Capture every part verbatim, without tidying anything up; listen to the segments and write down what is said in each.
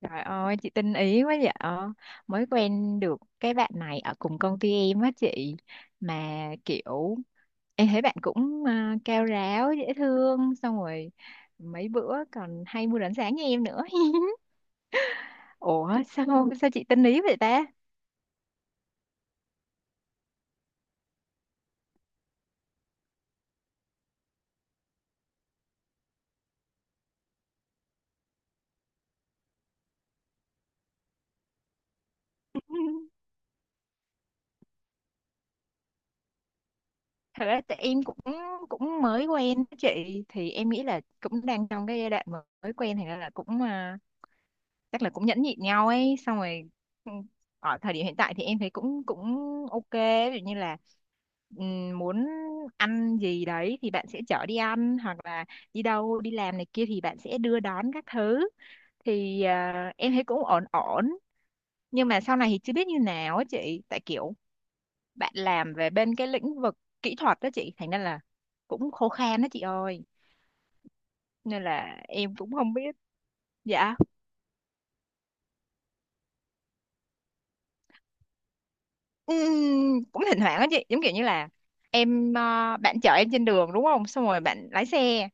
Trời ơi, chị tinh ý quá vậy. Ờ, Mới quen được cái bạn này ở cùng công ty em á chị. Mà kiểu em thấy bạn cũng à, cao ráo, dễ thương. Xong rồi mấy bữa còn hay mua đánh sáng như em nữa. Ủa sao sao chị tinh ý vậy ta? Thật ra tại em cũng cũng mới quen á chị, thì em nghĩ là cũng đang trong cái giai đoạn mà mới quen thì ra là cũng ờ, chắc là cũng nhẫn nhịn nhau ấy. Xong rồi ừ, ở thời điểm hiện tại thì em thấy cũng cũng ok. Ví dụ như là ừm, muốn ăn gì đấy thì bạn sẽ chở đi ăn, hoặc là đi đâu đi làm này kia thì bạn sẽ đưa đón các thứ, thì à, em thấy cũng ổn ổn. Nhưng mà sau này thì chưa biết như nào á chị, tại kiểu bạn làm về bên cái lĩnh vực kỹ thuật đó chị, thành ra là cũng khô khan đó chị ơi, nên là em cũng không biết. Dạ. Ừm, cũng thỉnh thoảng á chị, giống kiểu như là em ờ, bạn chở em trên đường đúng không, xong rồi bạn lái xe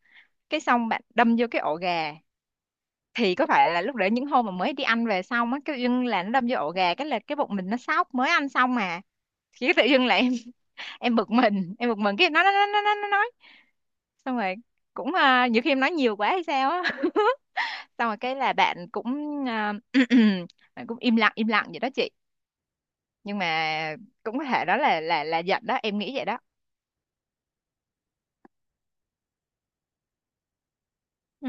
cái xong bạn đâm vô cái ổ gà. Thì có phải là lúc đấy những hôm mà mới đi ăn về xong á, cái dưng là nó đâm vô ổ gà, cái là cái bụng mình nó sóc mới ăn xong mà. Cái tự dưng là em em bực mình em bực mình cái nó nó nó nó nó nó nói. Xong rồi cũng ờ, nhiều khi em nói nhiều quá hay sao á. Xong rồi cái là bạn cũng ờ, bạn cũng im lặng im lặng vậy đó chị. Nhưng mà cũng có thể đó là là là giận đó, em nghĩ vậy đó. ừ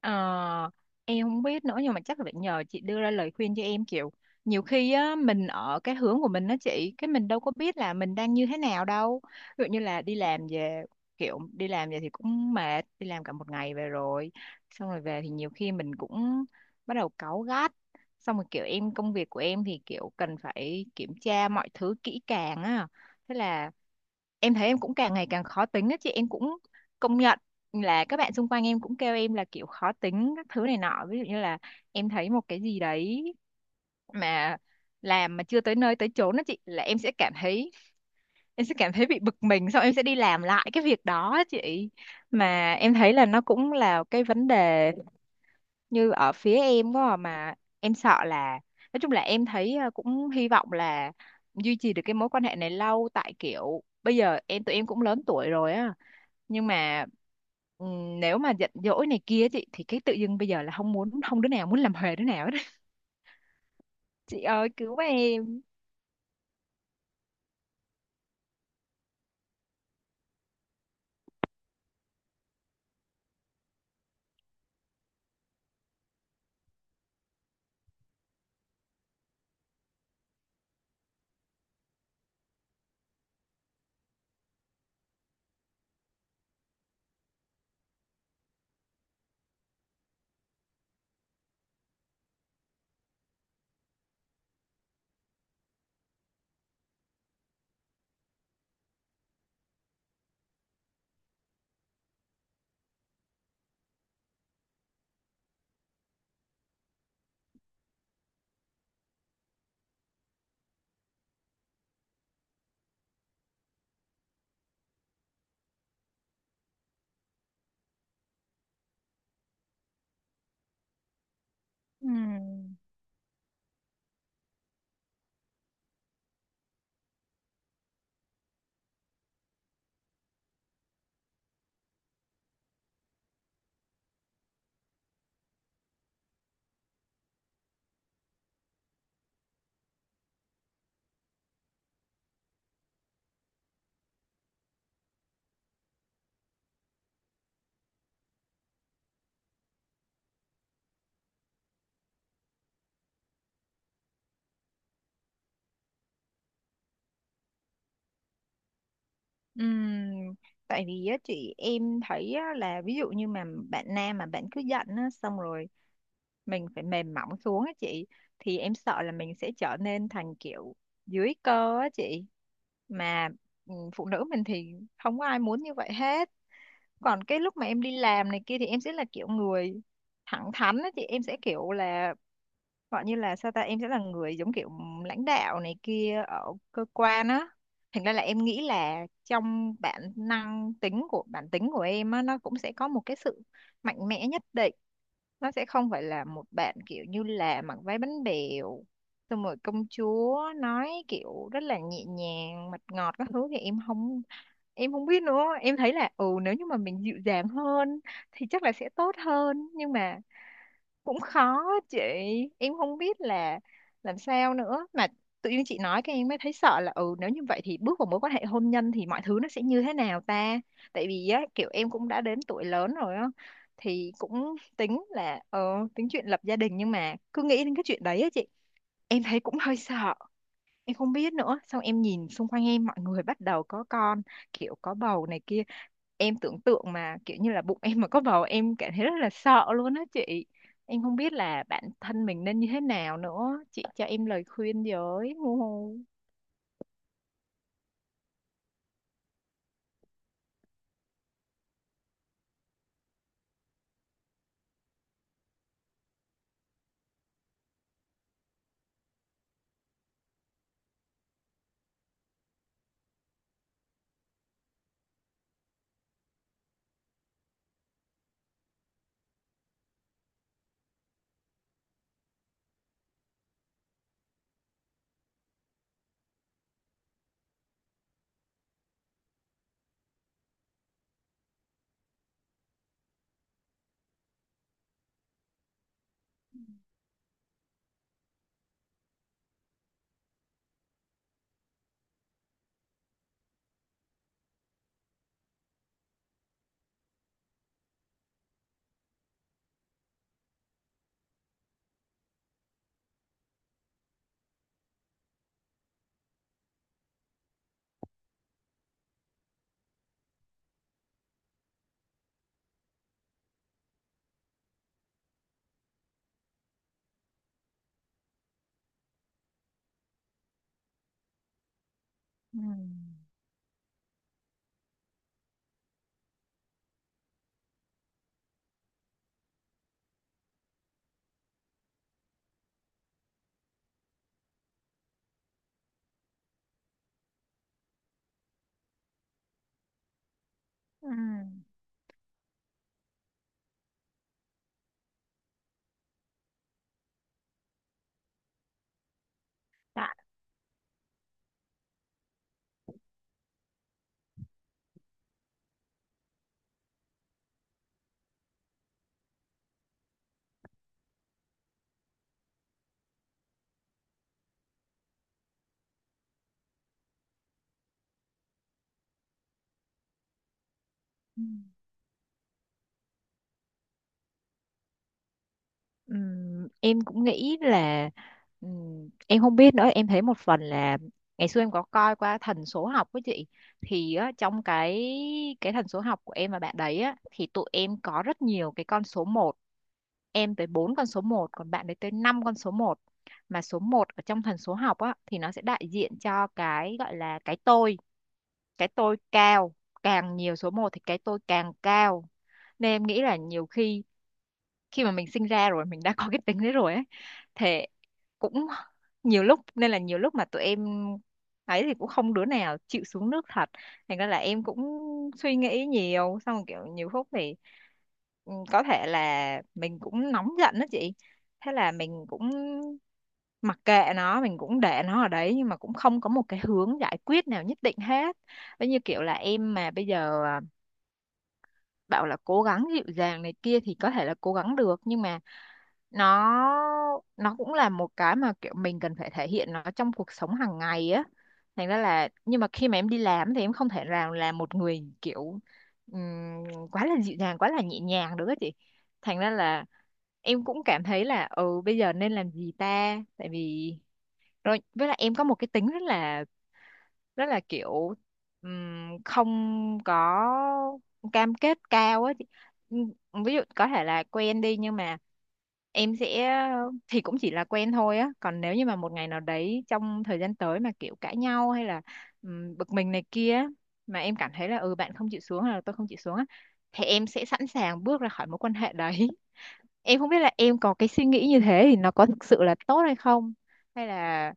ờ, em không biết nữa, nhưng mà chắc là phải nhờ chị đưa ra lời khuyên cho em. Kiểu nhiều khi á mình ở cái hướng của mình đó chị, cái mình đâu có biết là mình đang như thế nào đâu. Ví dụ như là đi làm về kiểu đi làm về thì cũng mệt, đi làm cả một ngày về rồi. Xong rồi về thì nhiều khi mình cũng bắt đầu cáu gắt. Xong rồi kiểu em, công việc của em thì kiểu cần phải kiểm tra mọi thứ kỹ càng á. Thế là em thấy em cũng càng ngày càng khó tính á chị, em cũng công nhận là các bạn xung quanh em cũng kêu em là kiểu khó tính các thứ này nọ. Ví dụ như là em thấy một cái gì đấy mà làm mà chưa tới nơi tới chốn đó chị, là em sẽ cảm thấy em sẽ cảm thấy bị bực mình, xong em sẽ đi làm lại cái việc đó á chị. Mà em thấy là nó cũng là cái vấn đề như ở phía em quá à, mà em sợ là, nói chung là em thấy ờ, cũng hy vọng là duy trì được cái mối quan hệ này lâu, tại kiểu bây giờ em tụi em cũng lớn tuổi rồi á. Nhưng mà ừm, nếu mà giận dỗi này kia chị, thì cái tự dưng bây giờ là không muốn không đứa nào muốn làm huề đứa nào hết. Chị ơi cứu em. Ừm, ừm, Tại vì á chị, em thấy á, là ví dụ như mà bạn nam mà bạn cứ giận á, xong rồi mình phải mềm mỏng xuống á chị, thì em sợ là mình sẽ trở nên thành kiểu dưới cơ á chị. Mà ừ, phụ nữ mình thì không có ai muốn như vậy hết. Còn cái lúc mà em đi làm này kia thì em sẽ là kiểu người thẳng thắn á chị, em sẽ kiểu là, gọi như là sao ta, em sẽ là người giống kiểu lãnh đạo này kia ở cơ quan á. Thành ra là em nghĩ là trong bản năng tính của bản tính của em á, nó cũng sẽ có một cái sự mạnh mẽ nhất định. Nó sẽ không phải là một bạn kiểu như là mặc váy bánh bèo, xong rồi công chúa nói kiểu rất là nhẹ nhàng mật ngọt các thứ, thì em không em không biết nữa. Em thấy là ừ nếu như mà mình dịu dàng hơn thì chắc là sẽ tốt hơn, nhưng mà cũng khó á chị. Em không biết là làm sao nữa, mà tự nhiên chị nói cái em mới thấy sợ là ừ nếu như vậy thì bước vào mối quan hệ hôn nhân thì mọi thứ nó sẽ như thế nào ta. Tại vì á kiểu em cũng đã đến tuổi lớn rồi á, thì cũng tính là ờ tính chuyện lập gia đình. Nhưng mà cứ nghĩ đến cái chuyện đấy á chị, em thấy cũng hơi sợ. Em không biết nữa, xong em nhìn xung quanh em mọi người bắt đầu có con, kiểu có bầu này kia. Em tưởng tượng mà kiểu như là bụng em mà có bầu, em cảm thấy rất là sợ luôn á chị. Em không biết là bản thân mình nên như thế nào nữa, chị cho em lời khuyên với. Hu. Hu. Ừ. Ừ. Dạ. Ừ. Ừm, em cũng nghĩ là, ừm, em không biết nữa. Em thấy một phần là ngày xưa em có coi qua thần số học với chị, thì á trong cái cái thần số học của em và bạn đấy á, thì tụi em có rất nhiều cái con số một. Em tới bốn con số một còn bạn ấy tới năm con số một. Mà số một ở trong thần số học á, thì nó sẽ đại diện cho cái gọi là cái tôi. Cái tôi cao, càng nhiều số một thì cái tôi càng cao. Nên em nghĩ là nhiều khi khi mà mình sinh ra rồi mình đã có cái tính đấy rồi ấy. Thế cũng nhiều lúc nên là nhiều lúc mà tụi em ấy, thì cũng không đứa nào chịu xuống nước thật. Thành ra là em cũng suy nghĩ nhiều, xong rồi kiểu nhiều phút thì ừ, có thể là mình cũng nóng giận đó chị. Thế là mình cũng mặc kệ nó, mình cũng để nó ở đấy, nhưng mà cũng không có một cái hướng giải quyết nào nhất định hết. Giống như kiểu là em mà bây giờ à, bảo là cố gắng dịu dàng này kia thì có thể là cố gắng được. Nhưng mà nó nó cũng là một cái mà kiểu mình cần phải thể hiện nó trong cuộc sống hàng ngày á. Thành ra là, nhưng mà khi mà em đi làm thì em không thể nào là một người kiểu ừm, quá là dịu dàng quá là nhẹ nhàng được á chị. Thành ra là em cũng cảm thấy là ừ bây giờ nên làm gì ta. Tại vì, rồi với lại em có một cái tính rất là rất là kiểu ừm, không có cam kết cao á chị. Ừm, ví dụ có thể là quen đi, nhưng mà em sẽ thì cũng chỉ là quen thôi á. Còn nếu như mà một ngày nào đấy trong thời gian tới mà kiểu cãi nhau, hay là ừm, bực mình này kia á, mà em cảm thấy là ừ bạn không chịu xuống hay là tôi không chịu xuống á, thì em sẽ sẵn sàng bước ra khỏi mối quan hệ đấy. Em không biết là em có cái suy nghĩ như thế thì nó có thực sự là tốt hay không, hay là.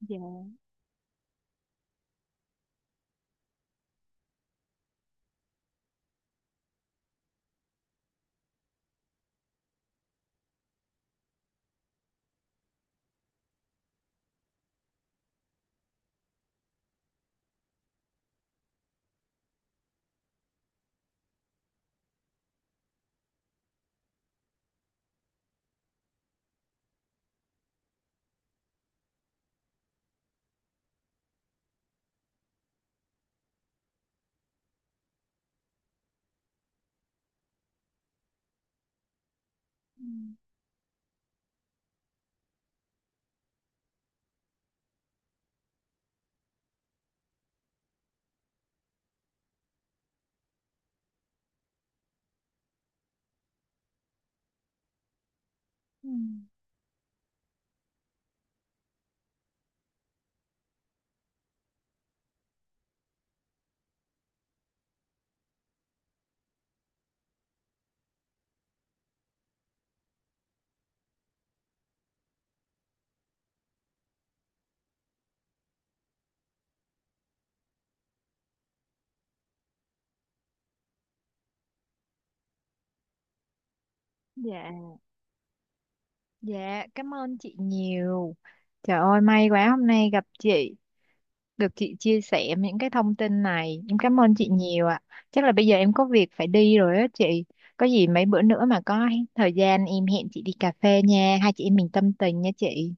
Dạ. Ừm, ừm, dạ. Dạ, cảm ơn chị nhiều. Trời ơi, may quá hôm nay gặp chị, được chị chia sẻ những cái thông tin này. Em cảm ơn chị nhiều ạ. Chắc là bây giờ em có việc phải đi rồi á chị. Có gì mấy bữa nữa mà có thời gian em hẹn chị đi cà phê nha. Hai chị em mình tâm tình nha chị.